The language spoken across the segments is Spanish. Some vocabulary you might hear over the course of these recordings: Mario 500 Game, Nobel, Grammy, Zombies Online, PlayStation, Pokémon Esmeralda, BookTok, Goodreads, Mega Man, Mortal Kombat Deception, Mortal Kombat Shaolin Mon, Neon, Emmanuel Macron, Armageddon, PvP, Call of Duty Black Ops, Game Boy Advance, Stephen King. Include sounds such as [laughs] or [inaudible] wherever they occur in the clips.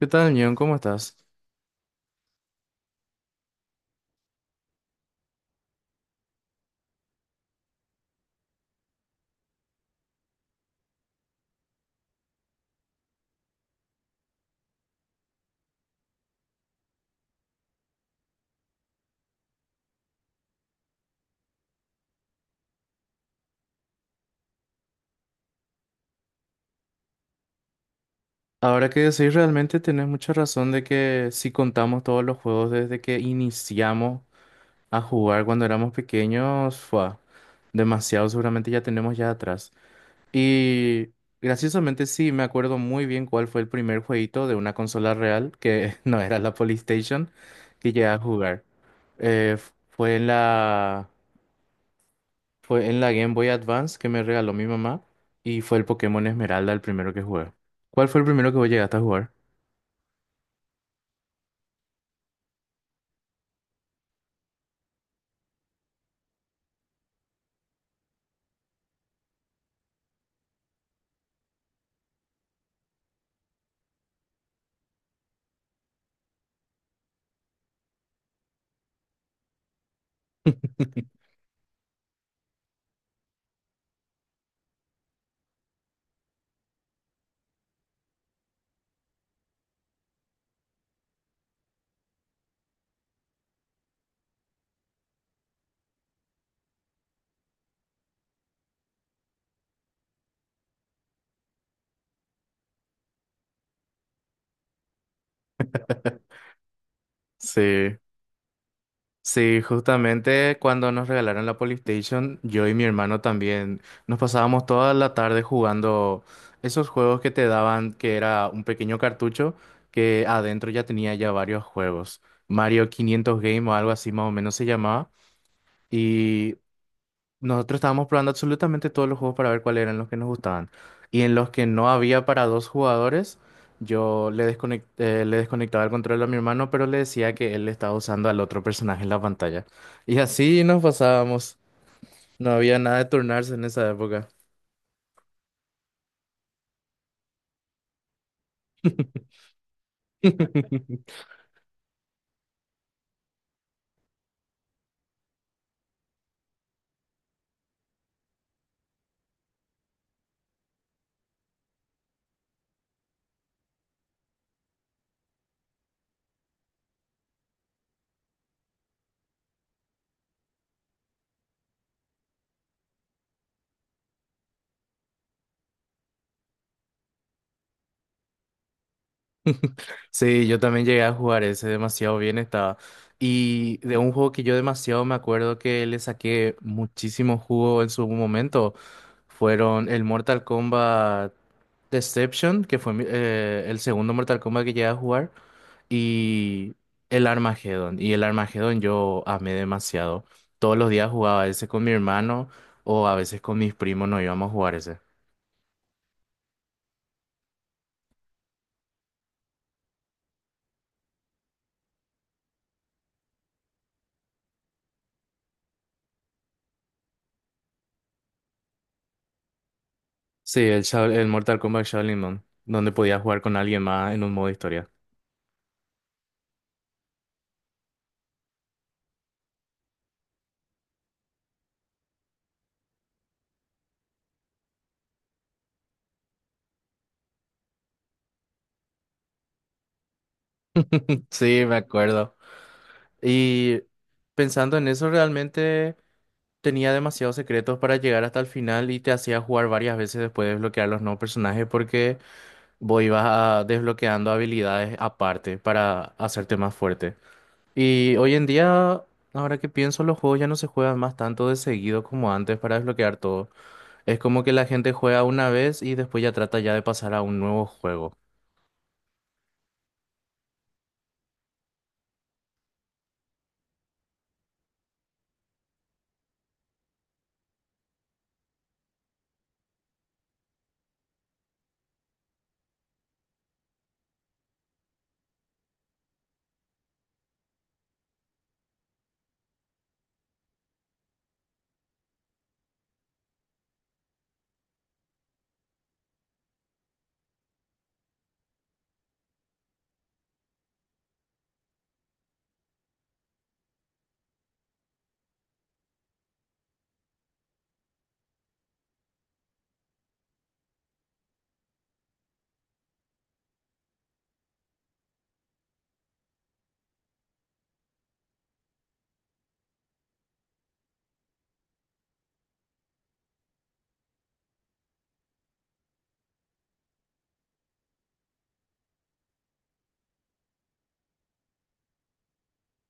¿Qué tal, Neon? ¿Cómo estás? Ahora que decís, realmente tenés mucha razón de que si contamos todos los juegos desde que iniciamos a jugar cuando éramos pequeños, fue demasiado, seguramente ya tenemos ya atrás. Y graciosamente sí, me acuerdo muy bien cuál fue el primer jueguito de una consola real, que [laughs] no era la PlayStation, que llegué a jugar. Eh, f- fue en la, fue en la Game Boy Advance que me regaló mi mamá y fue el Pokémon Esmeralda el primero que jugué. ¿Cuál fue el primero que vos llegaste a jugar? [laughs] Sí, sí, justamente cuando nos regalaron la PlayStation, yo y mi hermano también nos pasábamos toda la tarde jugando esos juegos que te daban, que era un pequeño cartucho que adentro ya tenía ya varios juegos. Mario 500 Game o algo así más o menos se llamaba. Y nosotros estábamos probando absolutamente todos los juegos para ver cuáles eran los que nos gustaban. Y en los que no había para dos jugadores, yo le desconectaba el control a mi hermano, pero le decía que él estaba usando al otro personaje en la pantalla. Y así nos pasábamos. No había nada de turnarse en esa época. [laughs] Sí, yo también llegué a jugar ese, demasiado bien estaba. Y de un juego que yo demasiado me acuerdo que le saqué muchísimo jugo en su momento, fueron el Mortal Kombat Deception, que fue el segundo Mortal Kombat que llegué a jugar, y el Armageddon. Y el Armageddon yo amé demasiado. Todos los días jugaba ese con mi hermano o a veces con mis primos nos íbamos a jugar ese. Sí, el Mortal Kombat Shaolin Mon, donde podía jugar con alguien más en un modo historia. Sí, me acuerdo. Y pensando en eso, realmente tenía demasiados secretos para llegar hasta el final y te hacía jugar varias veces después de desbloquear los nuevos personajes porque vos ibas desbloqueando habilidades aparte para hacerte más fuerte. Y hoy en día, ahora que pienso, los juegos ya no se juegan más tanto de seguido como antes para desbloquear todo. Es como que la gente juega una vez y después ya trata ya de pasar a un nuevo juego.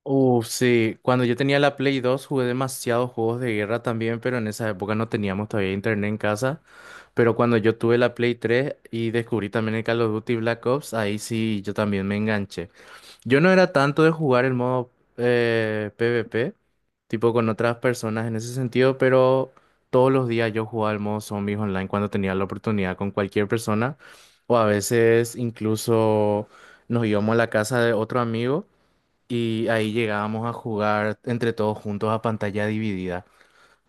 Uf, sí, cuando yo tenía la Play 2 jugué demasiados juegos de guerra también, pero en esa época no teníamos todavía internet en casa. Pero cuando yo tuve la Play 3 y descubrí también el Call of Duty Black Ops, ahí sí yo también me enganché. Yo no era tanto de jugar el modo PvP, tipo con otras personas en ese sentido, pero todos los días yo jugaba el modo Zombies Online cuando tenía la oportunidad con cualquier persona, o a veces incluso nos íbamos a la casa de otro amigo y ahí llegábamos a jugar entre todos juntos a pantalla dividida.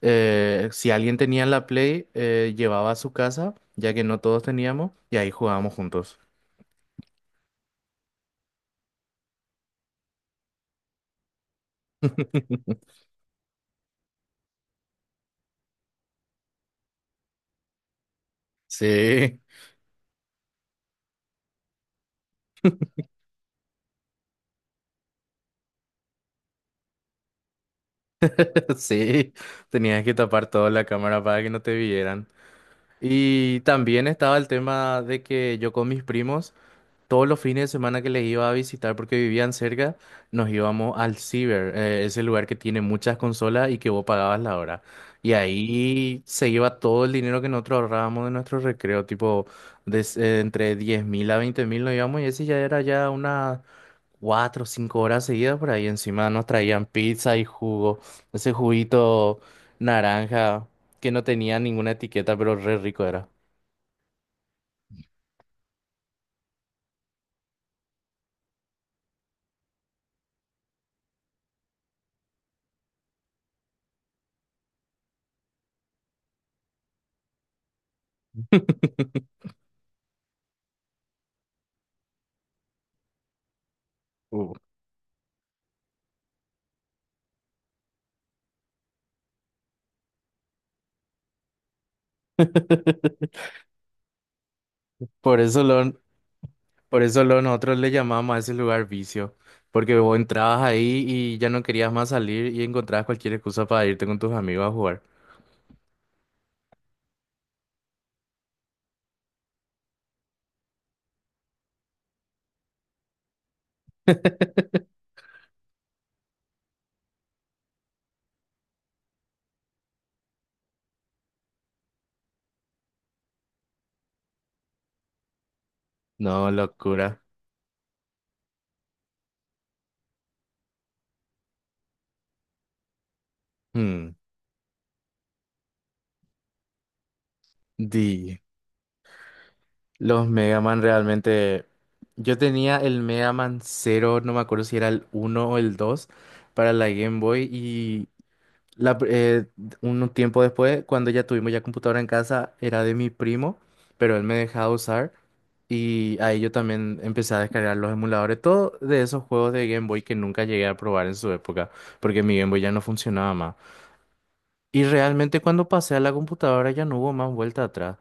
Si alguien tenía la Play, llevaba a su casa, ya que no todos teníamos, y ahí jugábamos juntos. Sí, [laughs] sí, tenías que tapar toda la cámara para que no te vieran. Y también estaba el tema de que yo con mis primos. Todos los fines de semana que les iba a visitar porque vivían cerca, nos íbamos al Ciber, ese lugar que tiene muchas consolas y que vos pagabas la hora. Y ahí se iba todo el dinero que nosotros ahorrábamos de nuestro recreo, tipo entre 10.000 a 20.000 nos íbamos y ese ya era ya unas 4 o 5 horas seguidas por ahí. Encima nos traían pizza y jugo, ese juguito naranja que no tenía ninguna etiqueta, pero re rico era. [laughs] Uh, [laughs] Por eso lo, nosotros le llamamos a ese lugar vicio, porque vos entrabas ahí y ya no querías más salir y encontrabas cualquier excusa para irte con tus amigos a jugar. No, locura. Hmm. Di, los Mega Man realmente. Yo tenía el Mega Man 0, no me acuerdo si era el uno o el 2 para la Game Boy. La pr- eh, un tiempo después, cuando ya tuvimos ya computadora en casa, era de mi primo, pero él me dejaba usar y ahí yo también empecé a descargar los emuladores, todo de esos juegos de Game Boy que nunca llegué a probar en su época, porque mi Game Boy ya no funcionaba más. Y realmente cuando pasé a la computadora ya no hubo más vuelta atrás.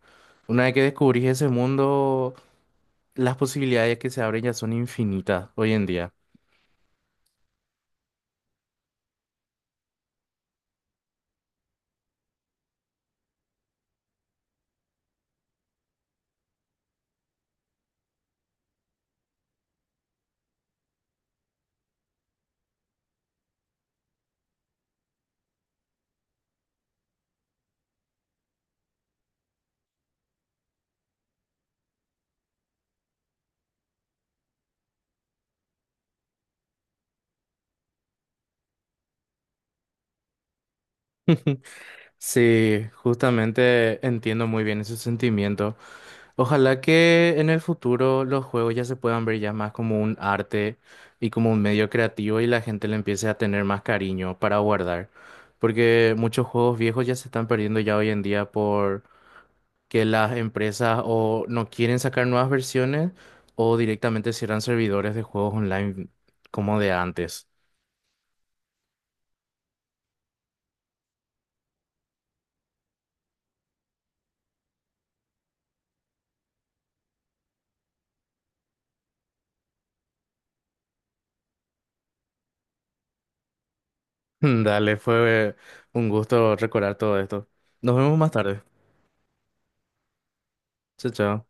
Una vez que descubrí ese mundo, las posibilidades que se abren ya son infinitas hoy en día. [laughs] Sí, justamente entiendo muy bien ese sentimiento. Ojalá que en el futuro los juegos ya se puedan ver ya más como un arte y como un medio creativo y la gente le empiece a tener más cariño para guardar, porque muchos juegos viejos ya se están perdiendo ya hoy en día por que las empresas o no quieren sacar nuevas versiones o directamente cierran servidores de juegos online como de antes. [laughs] Dale, fue un gusto recordar todo esto. Nos vemos más tarde. Chao, chao.